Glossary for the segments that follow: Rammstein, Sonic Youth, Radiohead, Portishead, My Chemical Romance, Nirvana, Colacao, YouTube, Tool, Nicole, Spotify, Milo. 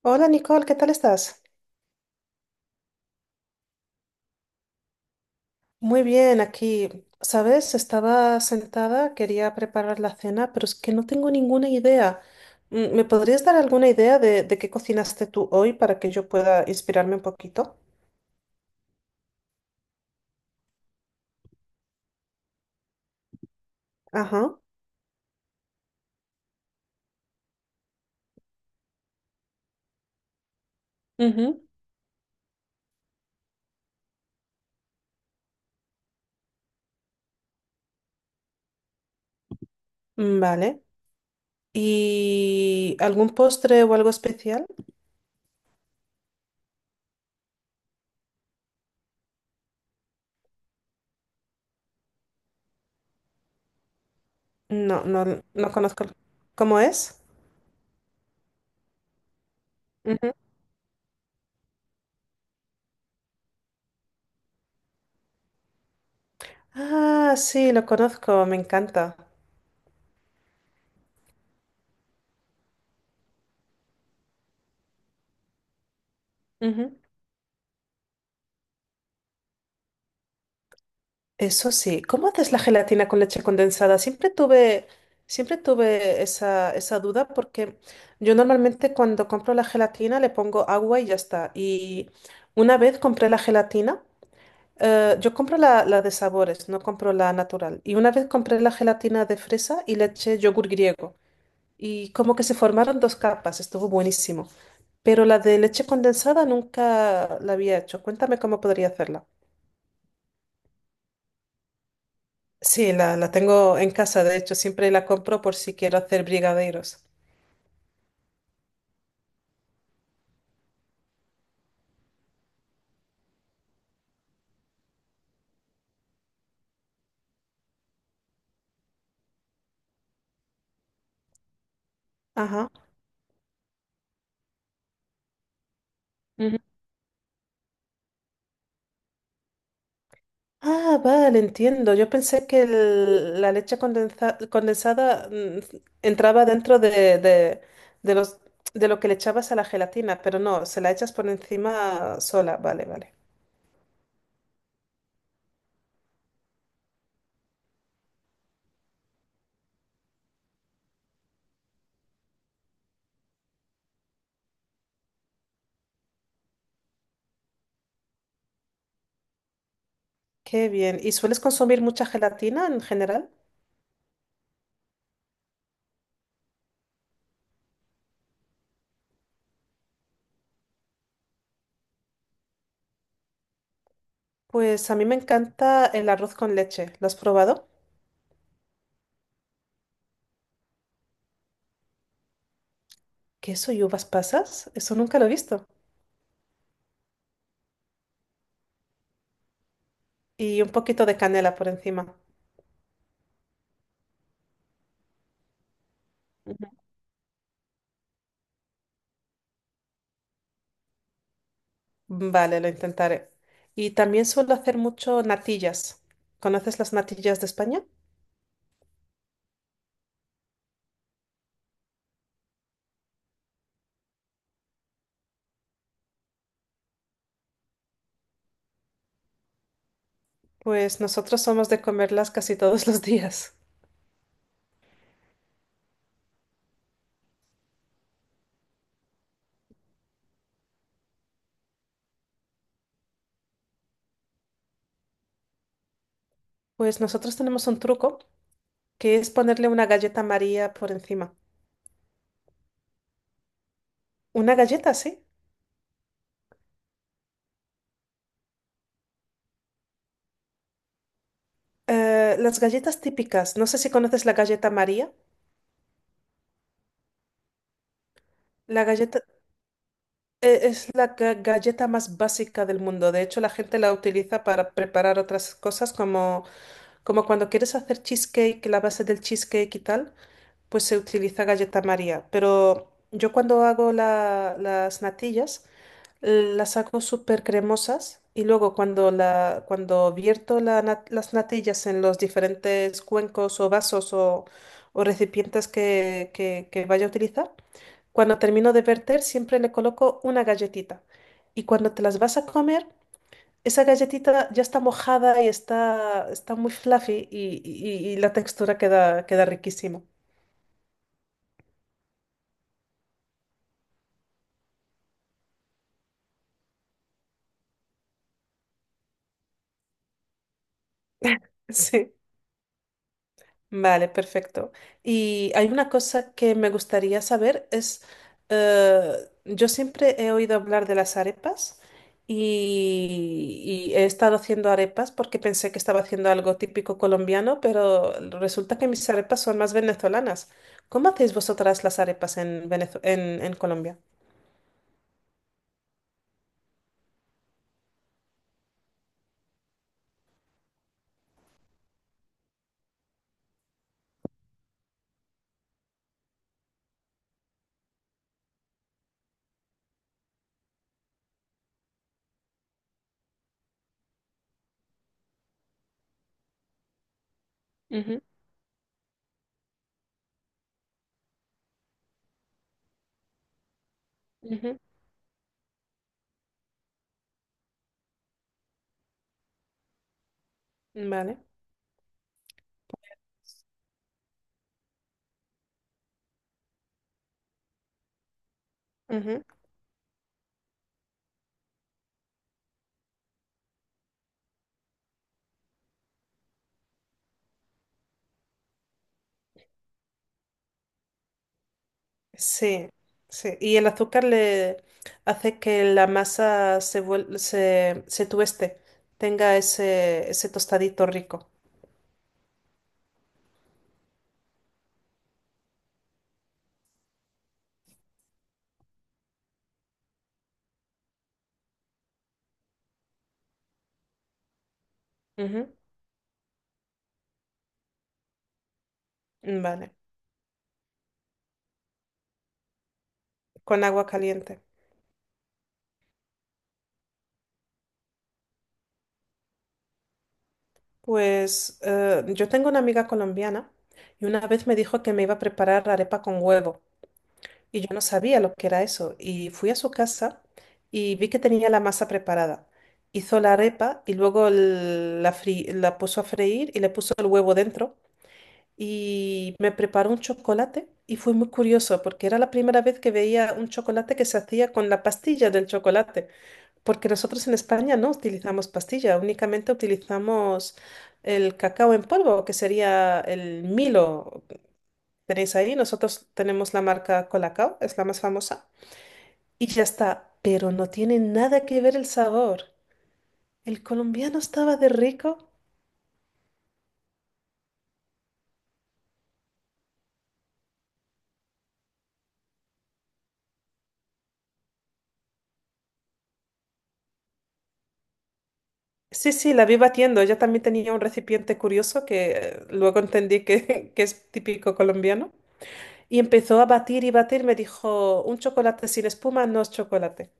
Hola Nicole, ¿qué tal estás? Muy bien, aquí, ¿sabes? Estaba sentada, quería preparar la cena, pero es que no tengo ninguna idea. ¿Me podrías dar alguna idea de qué cocinaste tú hoy para que yo pueda inspirarme un poquito? Ajá. Ujú. Mm, vale. ¿Y algún postre o algo especial? No, no, no conozco. ¿Cómo es? Ujú. Ah, sí, lo conozco, me encanta. Ujú. Eso sí, ¿cómo haces la gelatina con leche condensada? Siempre tuve esa duda porque yo normalmente cuando compro la gelatina le pongo agua y ya está. Y una vez compré la gelatina, yo compro la de sabores, no compro la natural. Y una vez compré la gelatina de fresa y le eché yogur griego. Y como que se formaron dos capas, estuvo buenísimo. Pero la de leche condensada nunca la había hecho. Cuéntame cómo podría hacerla. Sí, la tengo en casa, de hecho, siempre la compro por si quiero hacer brigadeiros. Ajá. Ujú. Ah, vale, entiendo. Yo pensé que la condensada entraba dentro de de lo que le echabas a la gelatina, pero no, se la echas por encima sola. Vale, vale. Qué bien. ¿Y sueles consumir mucha gelatina en general? Pues a mí me encanta el arroz con leche. ¿Lo has probado? ¿Queso y uvas pasas? Eso nunca lo he visto. Y un poquito de canela por encima. Vale, lo intentaré. Y también suelo hacer mucho natillas. ¿Conoces las natillas de España? Pues nosotros somos de comerlas casi todos los días. Pues nosotros tenemos un truco que es ponerle una galleta María por encima. Una galleta, sí. Las galletas típicas. No sé si conoces la galleta María. La galleta es la galleta más básica del mundo. De hecho, la gente la utiliza para preparar otras cosas como cuando quieres hacer cheesecake, la base del cheesecake y tal. Pues se utiliza galleta María. Pero yo cuando hago las natillas, las hago súper cremosas y luego cuando vierto las natillas en los diferentes cuencos o vasos o recipientes que vaya a utilizar, cuando termino de verter siempre le coloco una galletita. Y cuando te las vas a comer, esa galletita ya está mojada y está muy fluffy y la textura queda riquísima. Sí. Vale, perfecto. Y hay una cosa que me gustaría saber es, eh, yo siempre he oído hablar de las arepas y he estado haciendo arepas porque pensé que estaba haciendo algo típico colombiano, pero resulta que mis arepas son más venezolanas. ¿Cómo hacéis vosotras las arepas en en Colombia? Ujú, ujú. Vale. Sí, sí. Y el azúcar le hace que la masa se tueste, tenga ese tostadito rico. Ujú. Vale, con agua caliente. Pues yo tengo una amiga colombiana y una vez me dijo que me iba a preparar arepa con huevo y yo no sabía lo que era eso. Y fui a su casa y vi que tenía la masa preparada. Hizo la arepa y luego la puso a freír y le puso el huevo dentro. Y me preparó un chocolate y fue muy curioso porque era la primera vez que veía un chocolate que se hacía con la pastilla del chocolate, porque nosotros en España no utilizamos pastilla, únicamente utilizamos el cacao en polvo, que sería el Milo. Tenéis ahí, nosotros tenemos la marca Colacao, es la más famosa, y ya está, pero no tiene nada que ver el sabor. El colombiano estaba de rico. Sí, sí, la vi batiendo. Ella también tenía un recipiente curioso que luego entendí que, que es típico colombiano. Y empezó a batir y batir. Me dijo, un chocolate sin espuma no es chocolate.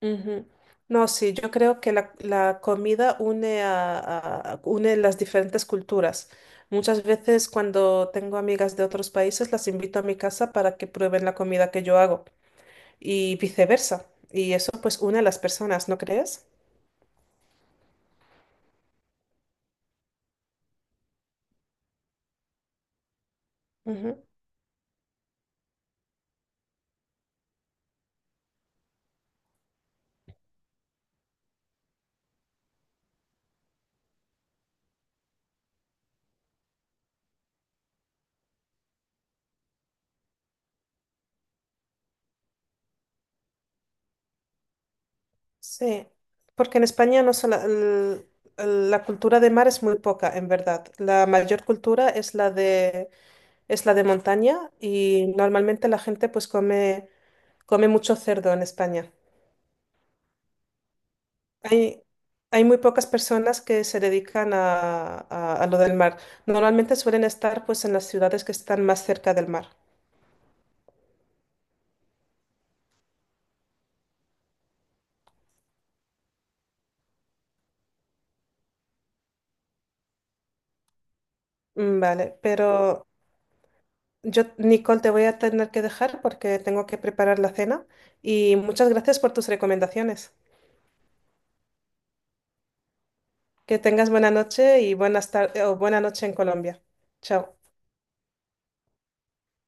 Ujú. No, sí, yo creo que la comida une las diferentes culturas. Muchas veces cuando tengo amigas de otros países las invito a mi casa para que prueben la comida que yo hago y viceversa. Y eso pues une a las personas, ¿no crees? Sí, porque en España no sola- el- la cultura de mar es muy poca, en verdad. La mayor cultura es es la de montaña y normalmente la gente come mucho cerdo en España. Hay, hay muy pocas personas que se dedican a lo del mar. Normalmente suelen estar pues en las ciudades que están más cerca del mar. Mm, vale, pero yo, Nicole, te voy a tener que dejar porque tengo que preparar la cena y muchas gracias por tus recomendaciones. Que tengas buena noche y buenas tardes o buena noche en Colombia. Chao.